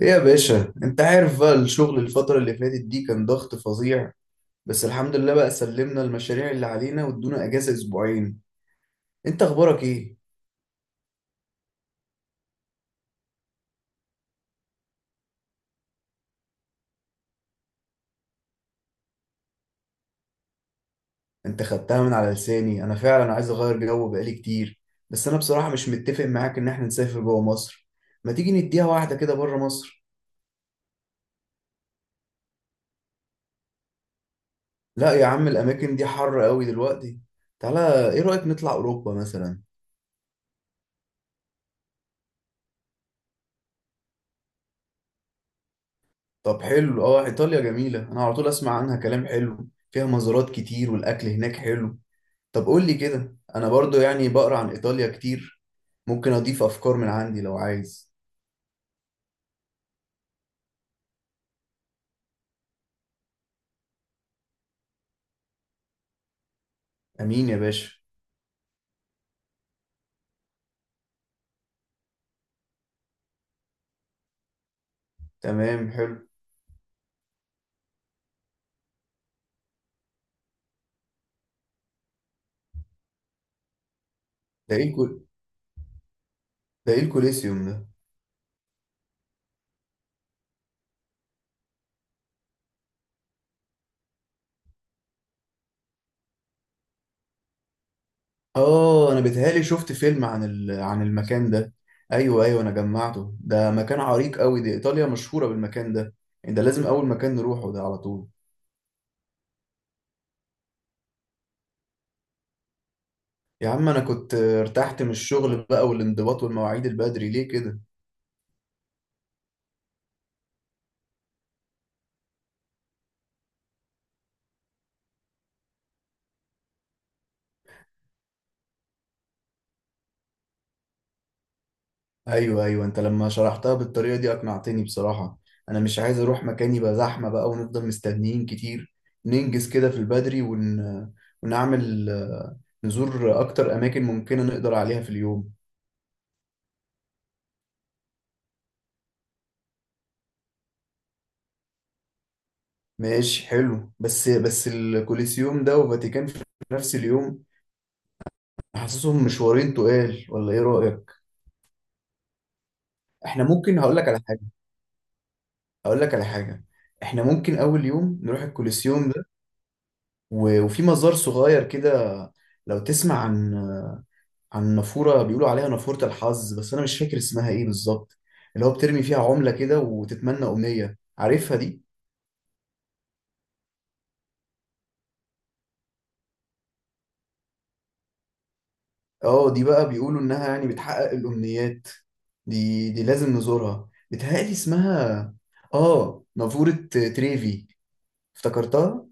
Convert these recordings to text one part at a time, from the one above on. ايه يا باشا، انت عارف بقى الشغل الفترة اللي فاتت دي كان ضغط فظيع. بس الحمد لله بقى سلمنا المشاريع اللي علينا وادونا اجازة اسبوعين. انت اخبارك ايه؟ انت خدتها من على لساني، انا فعلا عايز اغير جو بقالي كتير. بس انا بصراحة مش متفق معاك ان احنا نسافر جوه مصر. ما تيجي نديها واحدة كده بره مصر. لا يا عم الاماكن دي حر قوي دلوقتي. تعالى ايه رأيك نطلع اوروبا مثلا؟ طب حلو اه، ايطاليا جميلة، انا على طول اسمع عنها كلام حلو، فيها مزارات كتير والاكل هناك حلو. طب قول لي كده، انا برضو يعني بقرا عن ايطاليا كتير، ممكن اضيف افكار من عندي لو عايز. امين يا باشا. تمام حلو. ده ايه الكل... ده ايه الكوليسيوم ده؟ اه انا بيتهيألي شفت فيلم عن المكان ده. ايوه ايوه انا جمعته، ده مكان عريق قوي، دي ايطاليا مشهوره بالمكان ده. يعني ده لازم اول مكان نروحه ده على طول. يا عم انا كنت ارتحت من الشغل بقى، والانضباط والمواعيد البدري ليه كده؟ ايوه ايوه، انت لما شرحتها بالطريقه دي اقنعتني بصراحه. انا مش عايز اروح مكان يبقى زحمه بقى ونفضل مستنيين كتير. ننجز كده في البدري، ونعمل نزور اكتر اماكن ممكنه نقدر عليها في اليوم. ماشي حلو. بس الكوليسيوم ده وفاتيكان في نفس اليوم، حاسسهم مشوارين تقال، ولا ايه رايك؟ احنا ممكن هقول لك على حاجه. هقول لك على حاجه: احنا ممكن اول يوم نروح الكوليسيوم ده، وفي مزار صغير كده لو تسمع عن، عن نافورة بيقولوا عليها نافورة الحظ، بس أنا مش فاكر اسمها إيه بالظبط. اللي هو بترمي فيها عملة كده وتتمنى أمنية، عارفها دي؟ آه، دي بقى بيقولوا إنها يعني بتحقق الأمنيات. دي لازم نزورها. بتهيألي اسمها آه، نافورة تريفي، افتكرتها؟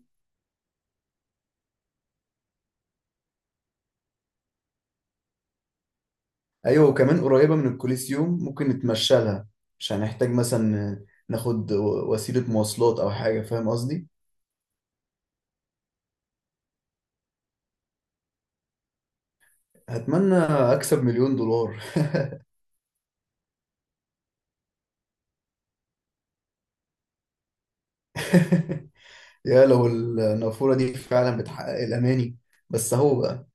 أيوة وكمان قريبة من الكوليسيوم، ممكن نتمشى لها، مش هنحتاج مثلا ناخد وسيلة مواصلات أو حاجة، فاهم قصدي؟ هتمنى أكسب مليون دولار. يا لو النافورة دي فعلا بتحقق الأماني. بس هو بقى،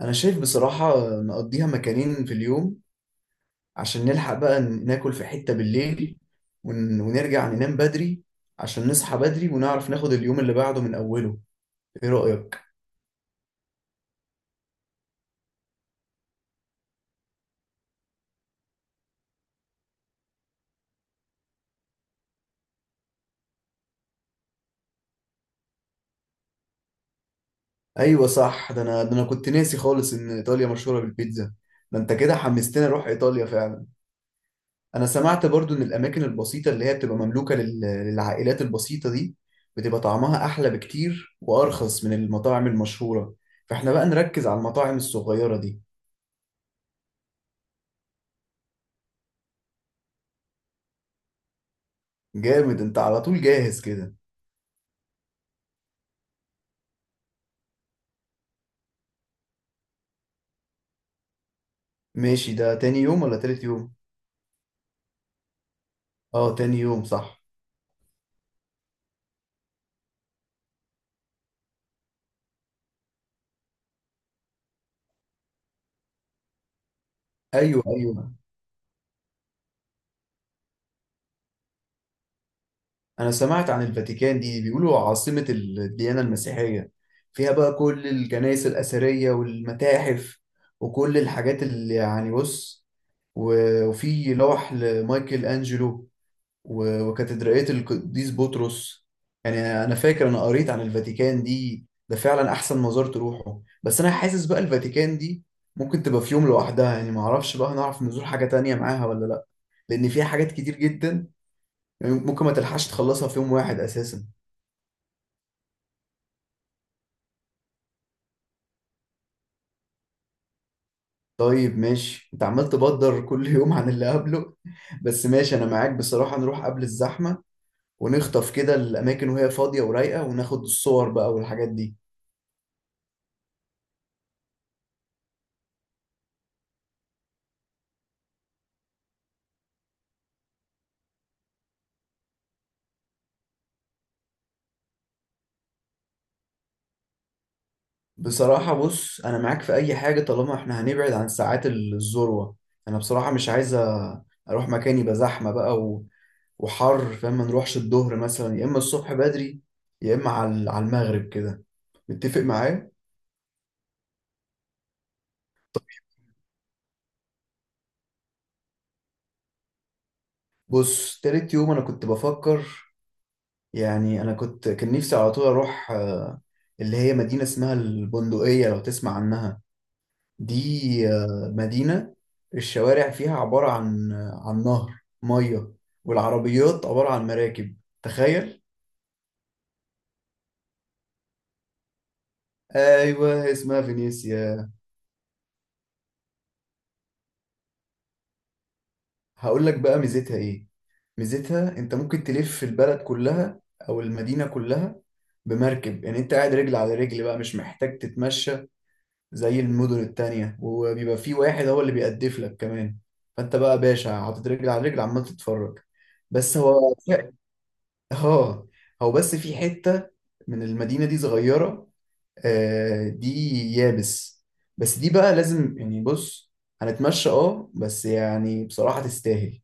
أنا شايف بصراحة نقضيها مكانين في اليوم، عشان نلحق بقى ناكل في حتة بالليل، ونرجع ننام بدري، عشان نصحى بدري ونعرف ناخد اليوم اللي بعده من أوله. إيه رأيك؟ أيوة صح. ده أنا كنت ناسي خالص إن إيطاليا مشهورة بالبيتزا. ده أنت كده حمستني أروح إيطاليا فعلا. انا سمعت برضو ان الاماكن البسيطه اللي هي بتبقى مملوكه للعائلات البسيطه دي بتبقى طعمها احلى بكتير وارخص من المطاعم المشهوره، فاحنا بقى نركز على المطاعم الصغيره دي. جامد، انت على طول جاهز كده. ماشي، ده تاني يوم ولا تالت يوم؟ اه تاني يوم صح. ايوه ايوه، أنا سمعت عن الفاتيكان دي بيقولوا عاصمة الديانة المسيحية، فيها بقى كل الكنائس الأثرية والمتاحف، وكل الحاجات اللي يعني بص، وفي لوح لمايكل أنجلو، وكاتدرائية القديس بطرس يعني. أنا فاكر أنا قريت عن الفاتيكان دي ده فعلا أحسن مزار تروحه، بس أنا حاسس بقى الفاتيكان دي ممكن تبقى في يوم لوحدها. يعني معرفش بقى هنعرف نزور حاجة تانية معاها ولا لأ، لأن فيها حاجات كتير جدا، يعني ممكن ما تلحقش تخلصها في يوم واحد اساسا. طيب ماشي، انت عمال تبدر كل يوم عن اللي قبله. بس ماشي انا معاك بصراحة، نروح قبل الزحمة ونخطف كده الاماكن وهي فاضية ورايقة، وناخد الصور بقى والحاجات دي. بصراحة بص انا معاك في اي حاجة طالما احنا هنبعد عن ساعات الذروة. انا بصراحة مش عايز اروح مكان يبقى زحمة بقى وحر، فاهم؟ ما نروحش الظهر مثلا، يا اما الصبح بدري، يا اما على المغرب كده، متفق معايا؟ بص تالت يوم انا كنت بفكر، يعني انا كنت كان نفسي على طول اروح اللي هي مدينة اسمها البندقية، لو تسمع عنها. دي مدينة الشوارع فيها عبارة عن، عن نهر مية، والعربيات عبارة عن مراكب، تخيل. ايوه اسمها فينيسيا. هقول لك بقى ميزتها ايه: ميزتها انت ممكن تلف البلد كلها او المدينة كلها بمركب، يعني انت قاعد رجل على رجل بقى مش محتاج تتمشى زي المدن التانية، وبيبقى في واحد هو اللي بيقدف لك كمان، فانت بقى باشا حاطط رجل على رجل عمال تتفرج. بس هو اه، هو بس في حتة من المدينة دي صغيرة آه، دي يابس، بس دي بقى لازم يعني بص هنتمشى اه، بس يعني بصراحة تستاهل.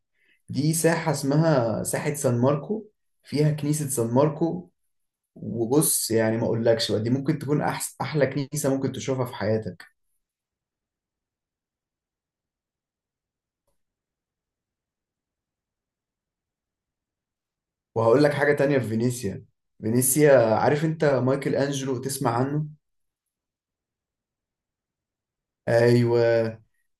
دي ساحة اسمها ساحة سان ماركو، فيها كنيسة سان ماركو، وبص يعني ما اقولكش بقى دي ممكن تكون احلى كنيسة ممكن تشوفها في حياتك. وهقول لك حاجة تانية في فينيسيا: فينيسيا، عارف انت مايكل انجلو، تسمع عنه؟ ايوه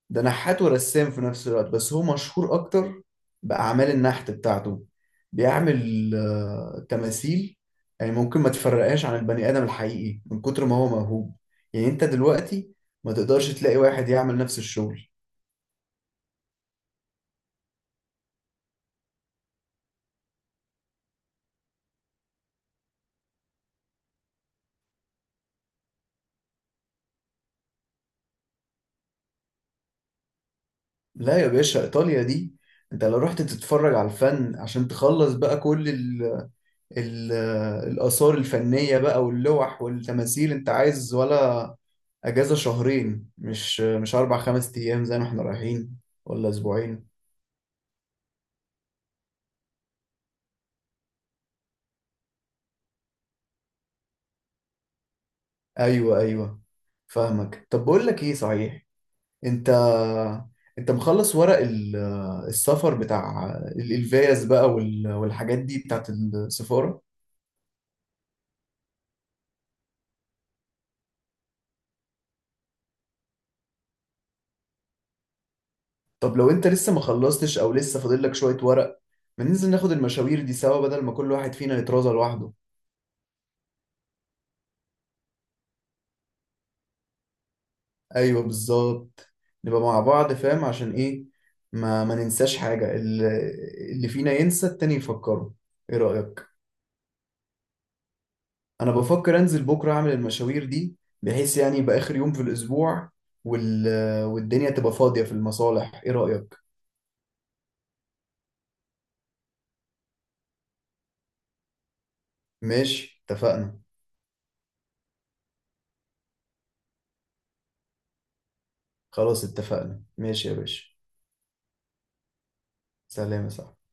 ده نحات ورسام في نفس الوقت، بس هو مشهور اكتر بأعمال النحت بتاعته. بيعمل تماثيل يعني ممكن ما تفرقهاش عن البني آدم الحقيقي من كتر ما هو موهوب. يعني انت دلوقتي ما تقدرش تلاقي واحد يعمل نفس الشغل. لا يا باشا ايطاليا دي، انت لو رحت تتفرج على الفن عشان تخلص بقى كل ال- الآثار الفنية بقى واللوح والتماثيل، أنت عايز ولا أجازة شهرين، مش أربع خمس أيام زي ما إحنا رايحين ولا أسبوعين. أيوه أيوه فاهمك. طب بقول لك إيه صحيح، أنت أنت مخلص ورق السفر بتاع الفيز بقى والحاجات دي بتاعت السفارة؟ طب لو أنت لسه ما خلصتش أو لسه فاضل لك شوية ورق، ما ننزل ناخد المشاوير دي سوا بدل ما كل واحد فينا يترازل لوحده. ايوه بالظبط، نبقى مع بعض فاهم عشان ايه، ما ننساش حاجة، اللي فينا ينسى التاني يفكره، ايه رأيك؟ انا بفكر انزل بكرة اعمل المشاوير دي، بحيث يعني يبقى اخر يوم في الاسبوع وال... والدنيا تبقى فاضية في المصالح، ايه رأيك؟ ماشي اتفقنا. خلاص اتفقنا ماشي يا باشا. سلام يا صاحبي.